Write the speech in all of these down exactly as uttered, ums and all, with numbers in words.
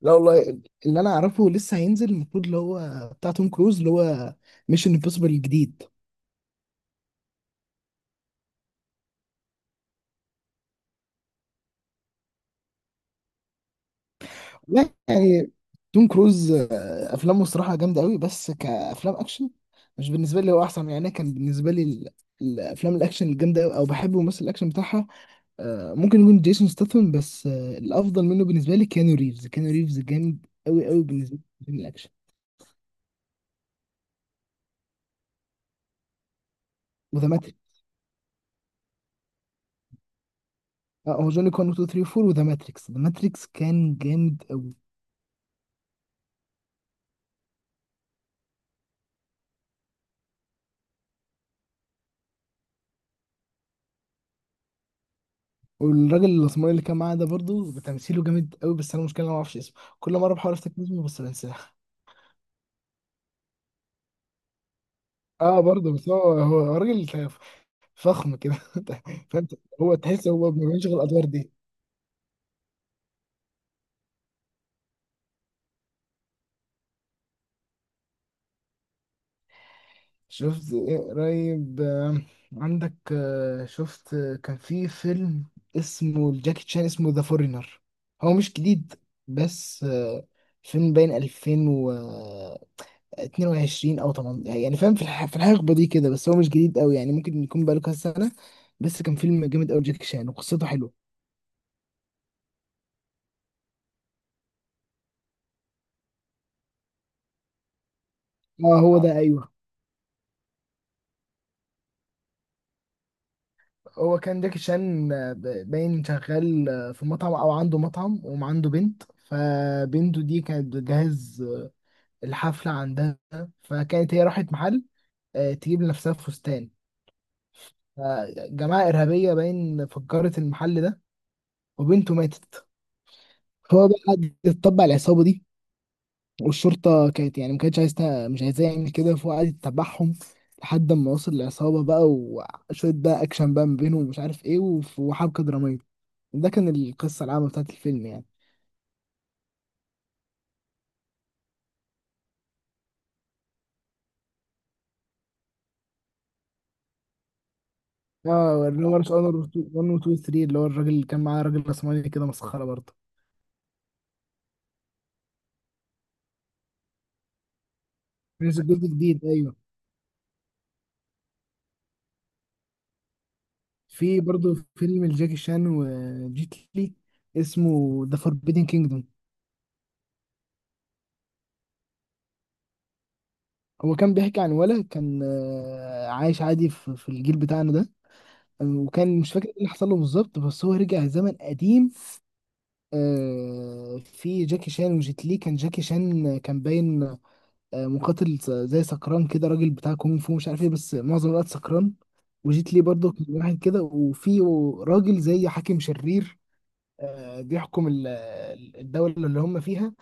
لا والله. اللي انا اعرفه لسه هينزل، المفروض اللي هو بتاع توم كروز اللي هو ميشن امبوسيبل الجديد. لا يعني، توم كروز آه، افلامه الصراحه جامده قوي، بس كافلام اكشن مش بالنسبه لي هو احسن يعني. أنا كان بالنسبه لي ال- الافلام الاكشن الجامده أوي، او بحب ممثل الاكشن بتاعها. آه، ممكن يكون جيسون ستاثام، بس آه، الافضل منه بالنسبه لي كيانو ريفز. كيانو ريفز جامد قوي قوي بالنسبه لي في الفيلم الاكشن. وذا ماتريكس. اه هو جوني كون اتنين تلاتة اربعة، وذا ماتريكس. ذا ماتريكس كان جامد. والراجل الاسمراني اللي كان معاه ده برضه تمثيله جامد قوي، بس انا المشكله إن انا ما اعرفش اسمه، كل مره بحاول افتكر اسمه بس بنساه. اه برضه، بس هو هو راجل فخم كده فانت هو تحس هو ما بيعملش غير الادوار دي. شفت ايه قريب؟ آه، عندك آه، شفت آه، كان في فيلم اسمه الجاكي تشان، اسمه ذا فورينر. هو مش جديد، بس آه، فيلم باين الفين اتنين وعشرين او تمنتاشر يعني، فاهم؟ في الح- في الحقبه دي كده، بس هو مش جديد قوي يعني، ممكن يكون بقاله كذا سنه. بس كان فيلم جامد قوي، جاكي شان وقصته حلوه. اه هو ده، ايوه. هو كان جاكي شان آه، ب- باين شغال آه، في مطعم، او عنده مطعم، وعنده بنت. فبنته دي كانت بتجهز آه، الحفله عندها، فكانت هي راحت محل آه، تجيب لنفسها فستان. فجماعه ارهابيه باين فجرت المحل ده، وبنته ماتت. هو بقى قعد يتطبع العصابه دي، والشرطة كانت يعني ما كانتش عايزة، مش عايزاه يعمل كده، فهو قعد يتبعهم لحد ما وصل للعصابة بقى. وشوية بقى أكشن بقى ما بينه ومش عارف إيه، وف- وحبكة درامية. ده كان القصة العامة بتاعت الفيلم يعني. اه اللي هو رش اونر واحد و اتنين تلاتة، اللي هو الراجل اللي كان معاه، راجل راسمالي كده، مسخرة برضه. نزل جزء جديد، ايوه. في برضه فيلم لجاكي شان وجيت لي، اسمه ذا فوربيدن كينجدوم. هو كان بيحكي عن ولد كان آه، عايش عادي في في الجيل بتاعنا ده. آه، وكان مش فاكر ايه اللي حصل له بالظبط، بس هو رجع زمن قديم. آه، في جاكي شان وجيت لي. كان جاكي شان كان باين آه، مقاتل س- زي سكران كده، راجل بتاع كونغ فو مش عارف ايه، بس معظم الوقت سكران. وجيت لي برضه كان واحد كده، وفي راجل زي حاكم شرير آه، بيحكم ال- الدولة اللي هم فيها،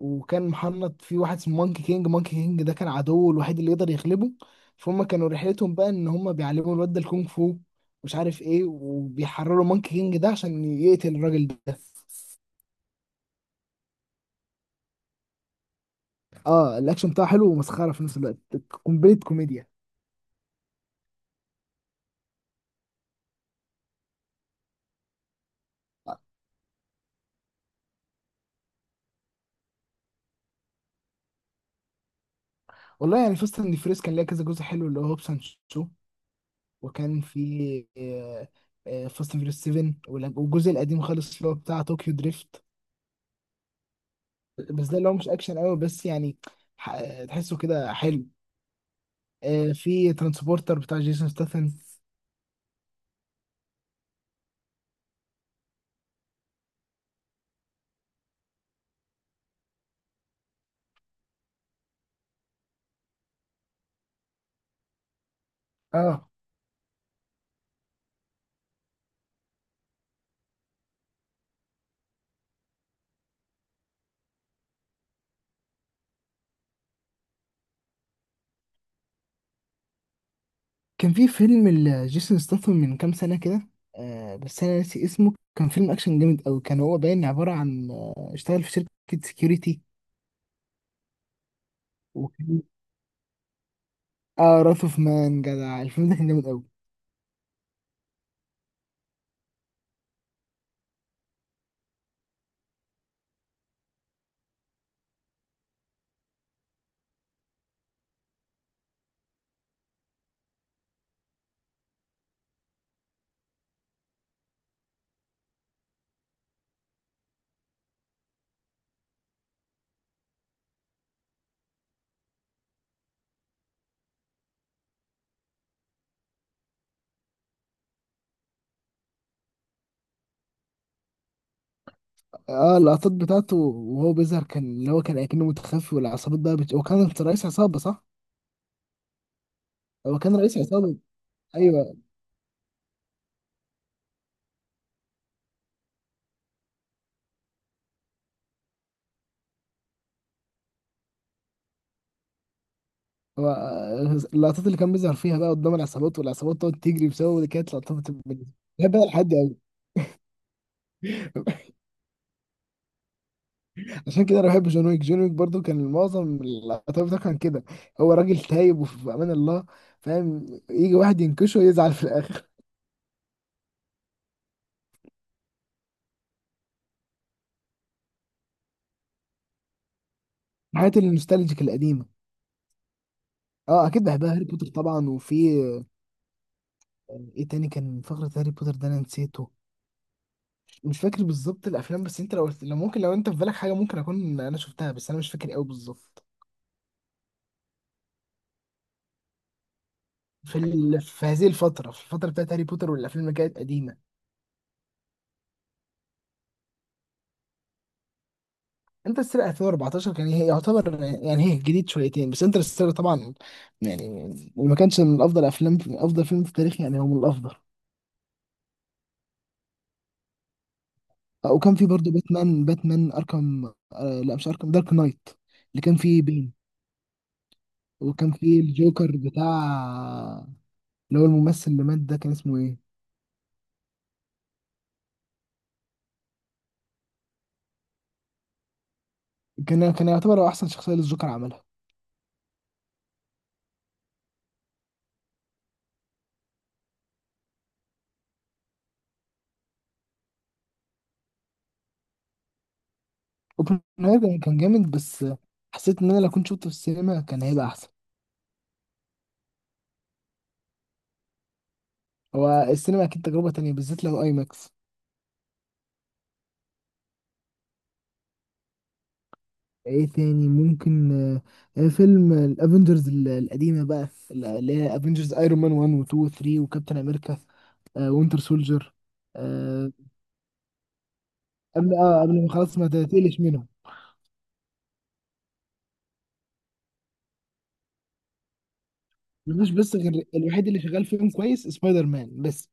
وكان محنط في واحد اسمه مونكي كينج. مونكي كينج ده كان عدوه الوحيد اللي يقدر يغلبه. فهم كانوا رحلتهم بقى ان هم بيعلموا الواد ده الكونغ فو، مش عارف ايه، وبيحرروا مونكي كينج ده عشان يقتل الراجل ده. اه الاكشن بتاعه حلو ومسخره في نفس الوقت، كومبليت كوميديا. والله يعني، فاست اند فيريس كان ليها كذا جزء حلو، اللي هو هوبس اند شو. وكان في فاست اند فيريس سفن، ولا- والجزء القديم خالص اللي هو بتاع طوكيو دريفت. بس ده اللي هو مش اكشن قوي، بس يعني ح- تحسه كده حلو. آه في ترانسبورتر بتاع جيسون ستاثام. اه كان في فيلم لجيسون ستاثام من كام سنة كده، آه بس أنا ناسي اسمه. كان فيلم أكشن جامد أوي، كان هو باين عبارة عن آه اشتغل في شركة سكيورتي، وكان. اه راث اوف مان، جدع الفيلم ده كان جامد أوي. اه اللقطات بتاعته وهو بيظهر، كان اللي هو كان أكنه متخفي، والعصابات بقى بت... هو كان رئيس عصابة، صح؟ هو كان رئيس عصابة، أيوه. هو آه، اللقطات اللي كان بيظهر فيها بقى قدام العصابات، والعصابات تقعد تجري بسببه، دي كانت لقطات بتبقى- بحبها لحد أوي. عشان كده انا بحب جون ويك. جون ويك برضه كان معظم العتاوله بتاعه كان كده، هو راجل تايب وفي امان الله، فاهم؟ يجي واحد ينكشه ويزعل في الاخر. الحاجات النوستالجيك القديمه، اه اكيد بحبها. هاري بوتر طبعا، وفي آه، ايه تاني كان فقره هاري بوتر ده انا نسيته، مش فاكر بالظبط الافلام. بس انت لو لو ممكن، لو انت في بالك حاجه ممكن اكون انا شفتها، بس انا مش فاكر قوي بالظبط. في ال... في هذه الفتره، في الفتره بتاعت هاري بوتر والافلام اللي كانت قديمه. انترستيلر ألفين واربعتاشر كان هي يعتبر يعني، هي جديد شويتين، بس انترستيلر طبعا يعني، وما كانش من افضل افلام افضل فيلم في التاريخ يعني، هو من الافضل. وكان في برضه باتمان باتمان اركم، آه لا مش اركم، دارك نايت، اللي كان فيه بين. وكان فيه الجوكر بتاع، اللي هو الممثل اللي مات ده كان اسمه ايه؟ كان كان يعتبر هو احسن شخصيه للجوكر عملها. اوبنهايمر كان كان جامد، بس حسيت ان انا لو كنت شفته في السينما كان هيبقى احسن. هو السينما اكيد تجربه تانية، بالذات لو اي ماكس. ايه تاني ممكن آه، آه، فيلم الافنجرز القديمه بقى، اللي هي افنجرز، ايرون مان واحد و اتنين و تلاتة، وكابتن امريكا وينتر سولجر. قبل اه قبل ما خلاص، ما تقلش منهم. مفيش بس غير الوحيد اللي شغال فيهم كويس سبايدر مان بس.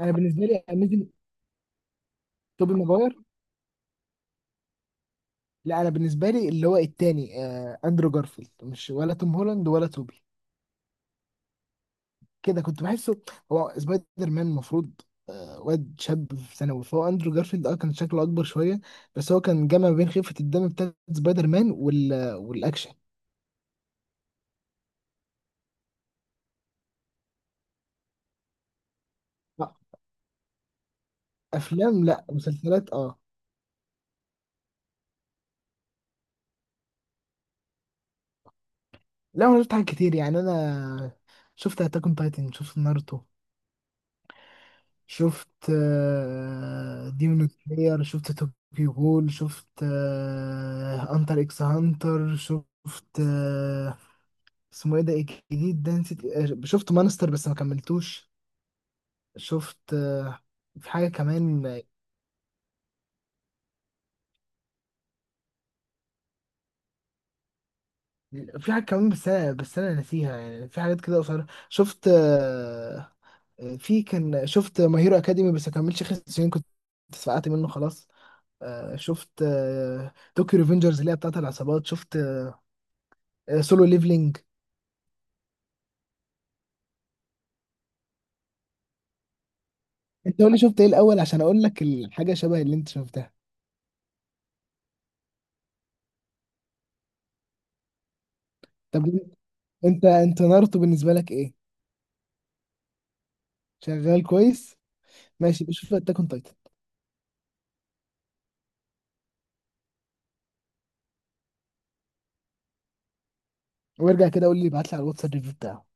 انا بالنسبه لي اميزنج، توبي ماجواير. لا، انا بالنسبه لي اللي هو التاني، آه اندرو جارفيلد، مش ولا توم هولاند ولا توبي. كده كنت بحسه. هو سبايدر مان المفروض آه، واد شاب في ثانوي، فهو اندرو جارفيلد اه كان شكله اكبر شويه، بس هو كان جمع ما بين خفه الدم بتاعت سبايدر مان وال... والاكشن. لا، افلام، لا مسلسلات اه. لا انا شفت حاجات كتير يعني، انا شفت اتاك اون تايتن، شفت ناruto، شفت ديمون سلاير، شفت توكيو غول، شفت انتر اكس هانتر، شفت آه، اسمه ايه ده؟ إيه الجديد ده نسيت. آه، شفت مانستر بس ما كملتوش. شفت آه، في حاجة كمان. في حاجة كمان، بس أنا بس أنا ناسيها يعني. في حاجات كده قصيرة شفت آه، آه، في كان شفت ماي هيرو أكاديمي، بس ما كملش خمس سنين كنت اتفقعت منه خلاص. آه، شفت طوكيو ريفنجرز اللي هي بتاعت العصابات، شفت سولو ليفلينج. انت قول لي شفت ايه الأول، عشان أقول لك الحاجة شبه اللي انت شفتها. طب انت انت ناruto بالنسبة لك ايه؟ شغال كويس؟ ماشي، بشوف اتاك اون تايتن وارجع كده قول لي، ابعت لي على الواتساب الريفيو بتاعه.